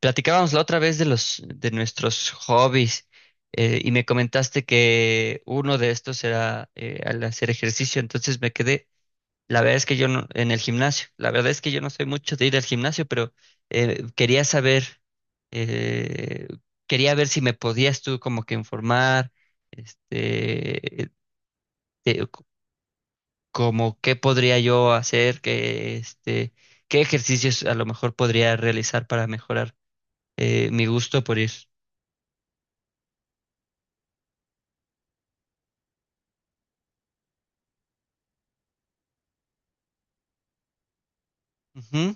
Platicábamos la otra vez de los de nuestros hobbies, y me comentaste que uno de estos era al hacer ejercicio, entonces me quedé. La verdad es que yo no, en el gimnasio, la verdad es que yo no soy mucho de ir al gimnasio, pero quería saber, eh, quería ver si me podías tú como que informar, este, de- c- como qué podría yo hacer, que qué ejercicios a lo mejor podría realizar para mejorar mi gusto por ir. Ujú.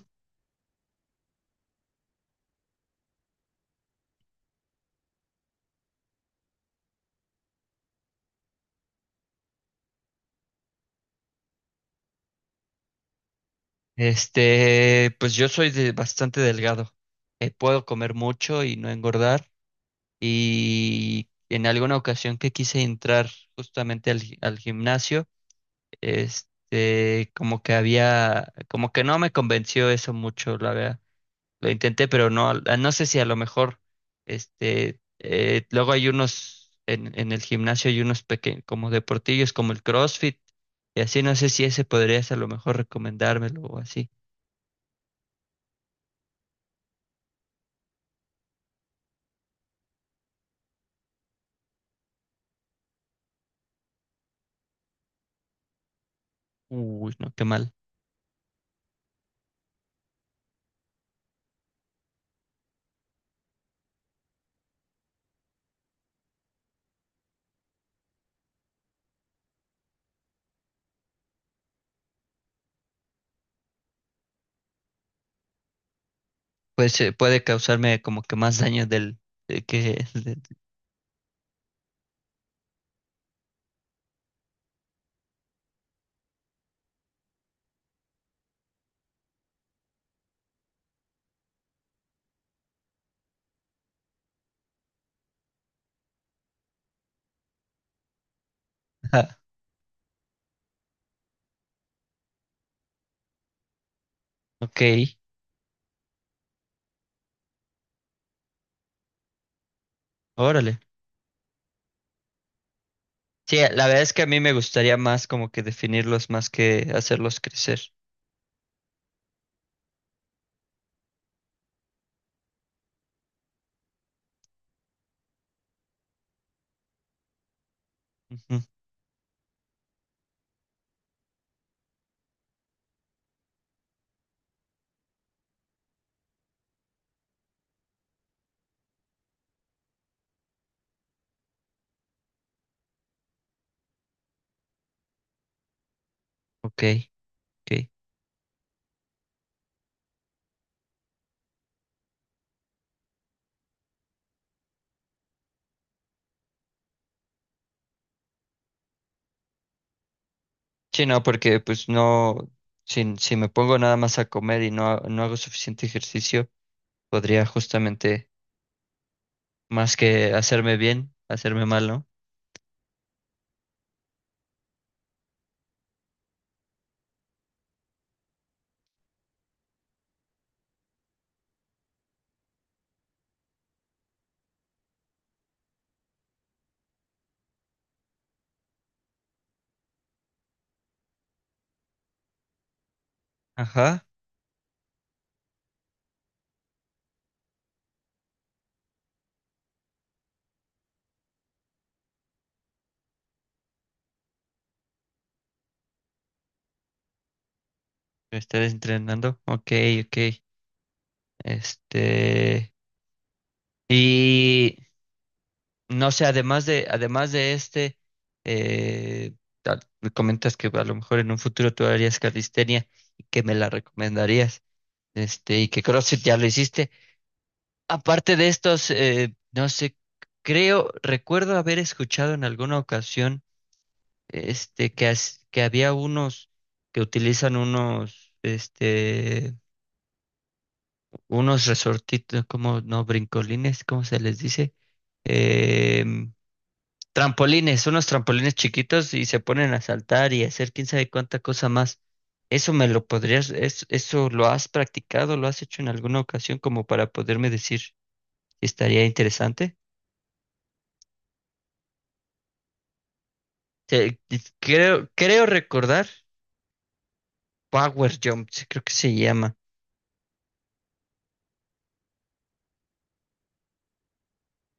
Pues yo soy bastante delgado. Puedo comer mucho y no engordar. Y en alguna ocasión que quise entrar justamente al, al gimnasio, como que había, como que no me convenció eso mucho, la verdad. Lo intenté, pero no, no sé si a lo mejor, luego hay unos, en el gimnasio hay unos pequeños, como deportillos, como el CrossFit, y así, no sé si ese podrías a lo mejor recomendármelo o así. Uy, no, qué mal. Pues puede causarme como que más daño del que... de- Ah, ok, órale. Sí, la verdad es que a mí me gustaría más como que definirlos más que hacerlos crecer. Ujú. Ok, ok. Sí, no, porque pues no, si me pongo nada más a comer y no, no hago suficiente ejercicio, podría justamente más que hacerme bien, hacerme mal, ¿no? Ajá, estar entrenando. Ok, ok. Este… Y… No sé, además de eh, me comentas que a lo mejor en un futuro tú harías calistenia y que me la recomendarías, y que CrossFit ya lo hiciste. Aparte de estos, no sé, recuerdo haber escuchado en alguna ocasión, que, que había unos que utilizan unos, unos resortitos, como, no, brincolines, ¿cómo se les dice? Em, Trampolines, unos trampolines chiquitos y se ponen a saltar y a hacer quién sabe cuánta cosa más. Eso me lo podrías, eso lo has practicado, lo has hecho en alguna ocasión como para poderme decir si estaría interesante. Creo recordar Power Jump, sí, creo que se llama,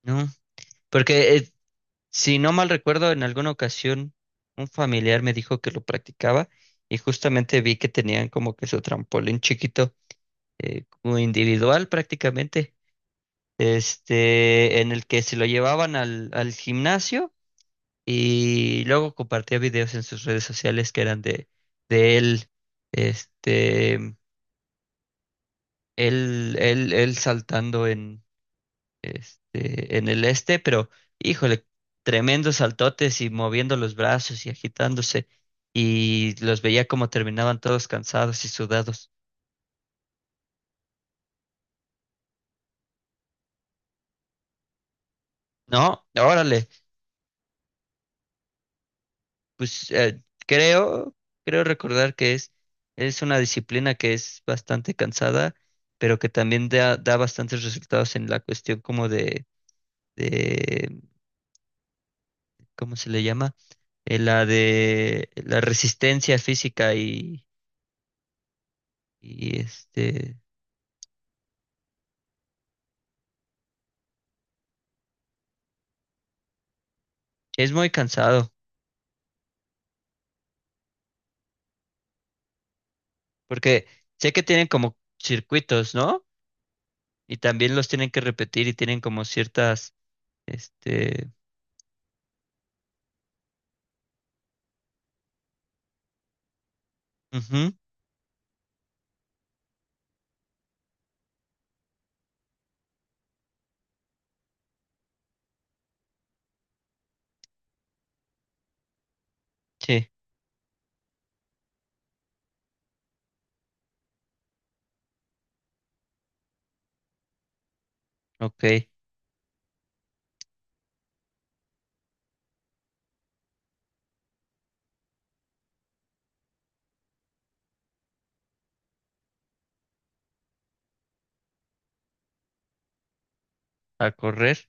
¿no? Porque si no mal recuerdo, en alguna ocasión un familiar me dijo que lo practicaba y justamente vi que tenían como que su trampolín chiquito, como individual prácticamente, en el que se lo llevaban al, al gimnasio y luego compartía videos en sus redes sociales que eran de él, este, él saltando en, en el este, pero híjole, tremendos saltotes y moviendo los brazos y agitándose y los veía como terminaban todos cansados y sudados. No, órale. Pues creo, creo recordar que es una disciplina que es bastante cansada, pero que también da, da bastantes resultados en la cuestión como de, ¿cómo se le llama? La de la resistencia física y es muy cansado, porque sé que tienen como circuitos, ¿no? Y también los tienen que repetir y tienen como ciertas, este, ujú, sí, ok, a correr.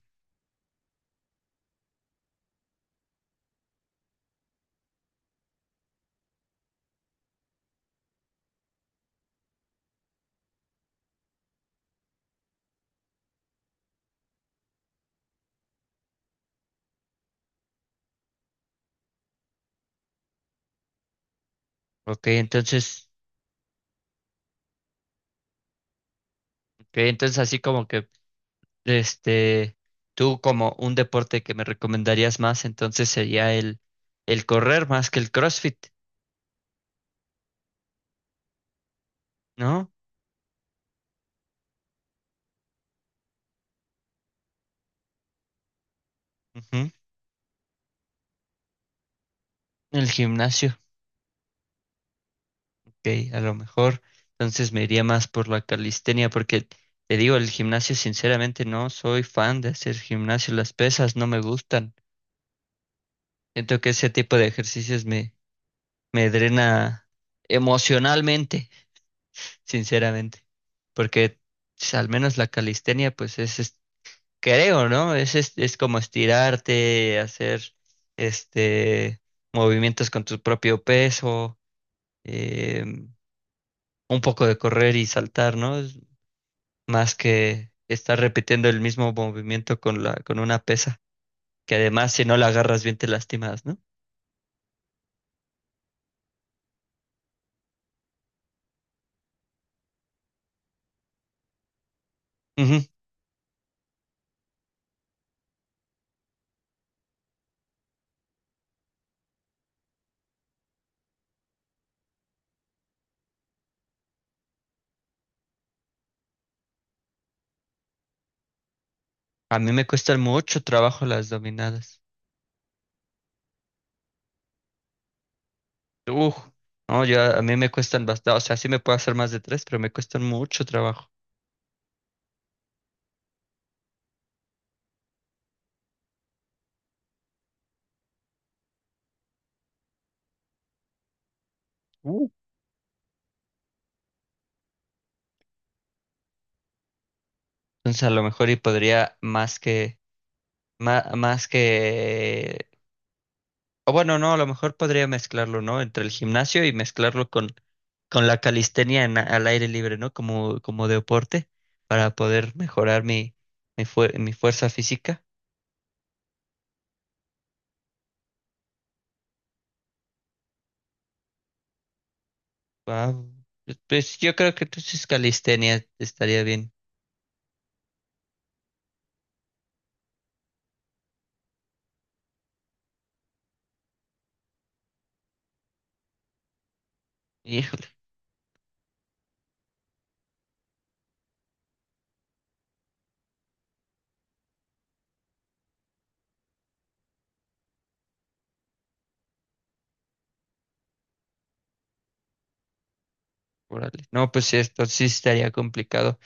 Ok, entonces ok, entonces así como que, este, tú como un deporte que me recomendarías más, entonces sería el correr más que el CrossFit, ¿no? Ujú. El gimnasio, ok, a lo mejor, entonces me iría más por la calistenia, porque te digo, el gimnasio, sinceramente, no soy fan de hacer gimnasio, las pesas no me gustan. Siento que ese tipo de ejercicios me, me drena emocionalmente, sinceramente, porque al menos la calistenia, pues es creo, ¿no? Es como estirarte, hacer este movimientos con tu propio peso, eh, un poco de correr y saltar, ¿no? Es más que estar repitiendo el mismo movimiento con la, con una pesa, que además si no la agarras bien te lastimas, ¿no? Ujú. A mí me cuestan mucho trabajo las dominadas. Uf, no, yo a mí me cuestan bastante, o sea, sí me puedo hacer más de tres, pero me cuestan mucho trabajo. Uh. Entonces a lo mejor y podría más que Má- más que... O bueno, no, a lo mejor podría mezclarlo, ¿no? Entre el gimnasio y mezclarlo con la calistenia al aire libre, ¿no? Como, como deporte, para poder mejorar mi, mi fuerza física. Ah, pues yo creo que entonces calistenia estaría bien. Híjole, órale. No, pues sí, esto sí estaría complicado.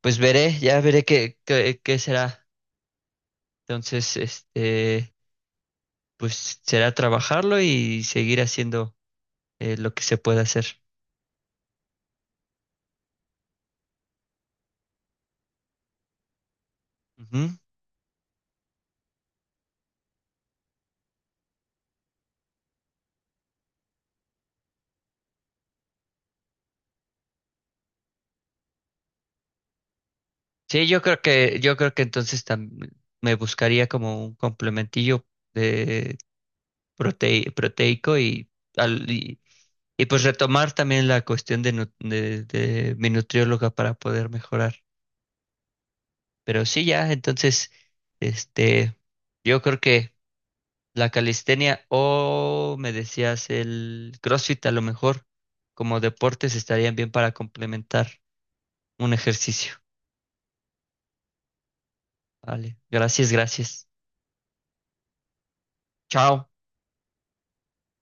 Pues veré, ya veré qué, qué, qué será. Entonces, pues será trabajarlo y seguir haciendo lo que se pueda hacer. Ujú. Sí, yo creo que entonces me buscaría como un complementillo de proteico y, al- y, y pues retomar también la cuestión de, de mi nutrióloga para poder mejorar. Pero sí, ya, entonces, este, yo creo que la calistenia o me decías el CrossFit a lo mejor como deportes estarían bien para complementar un ejercicio. Vale, gracias, gracias. Chao.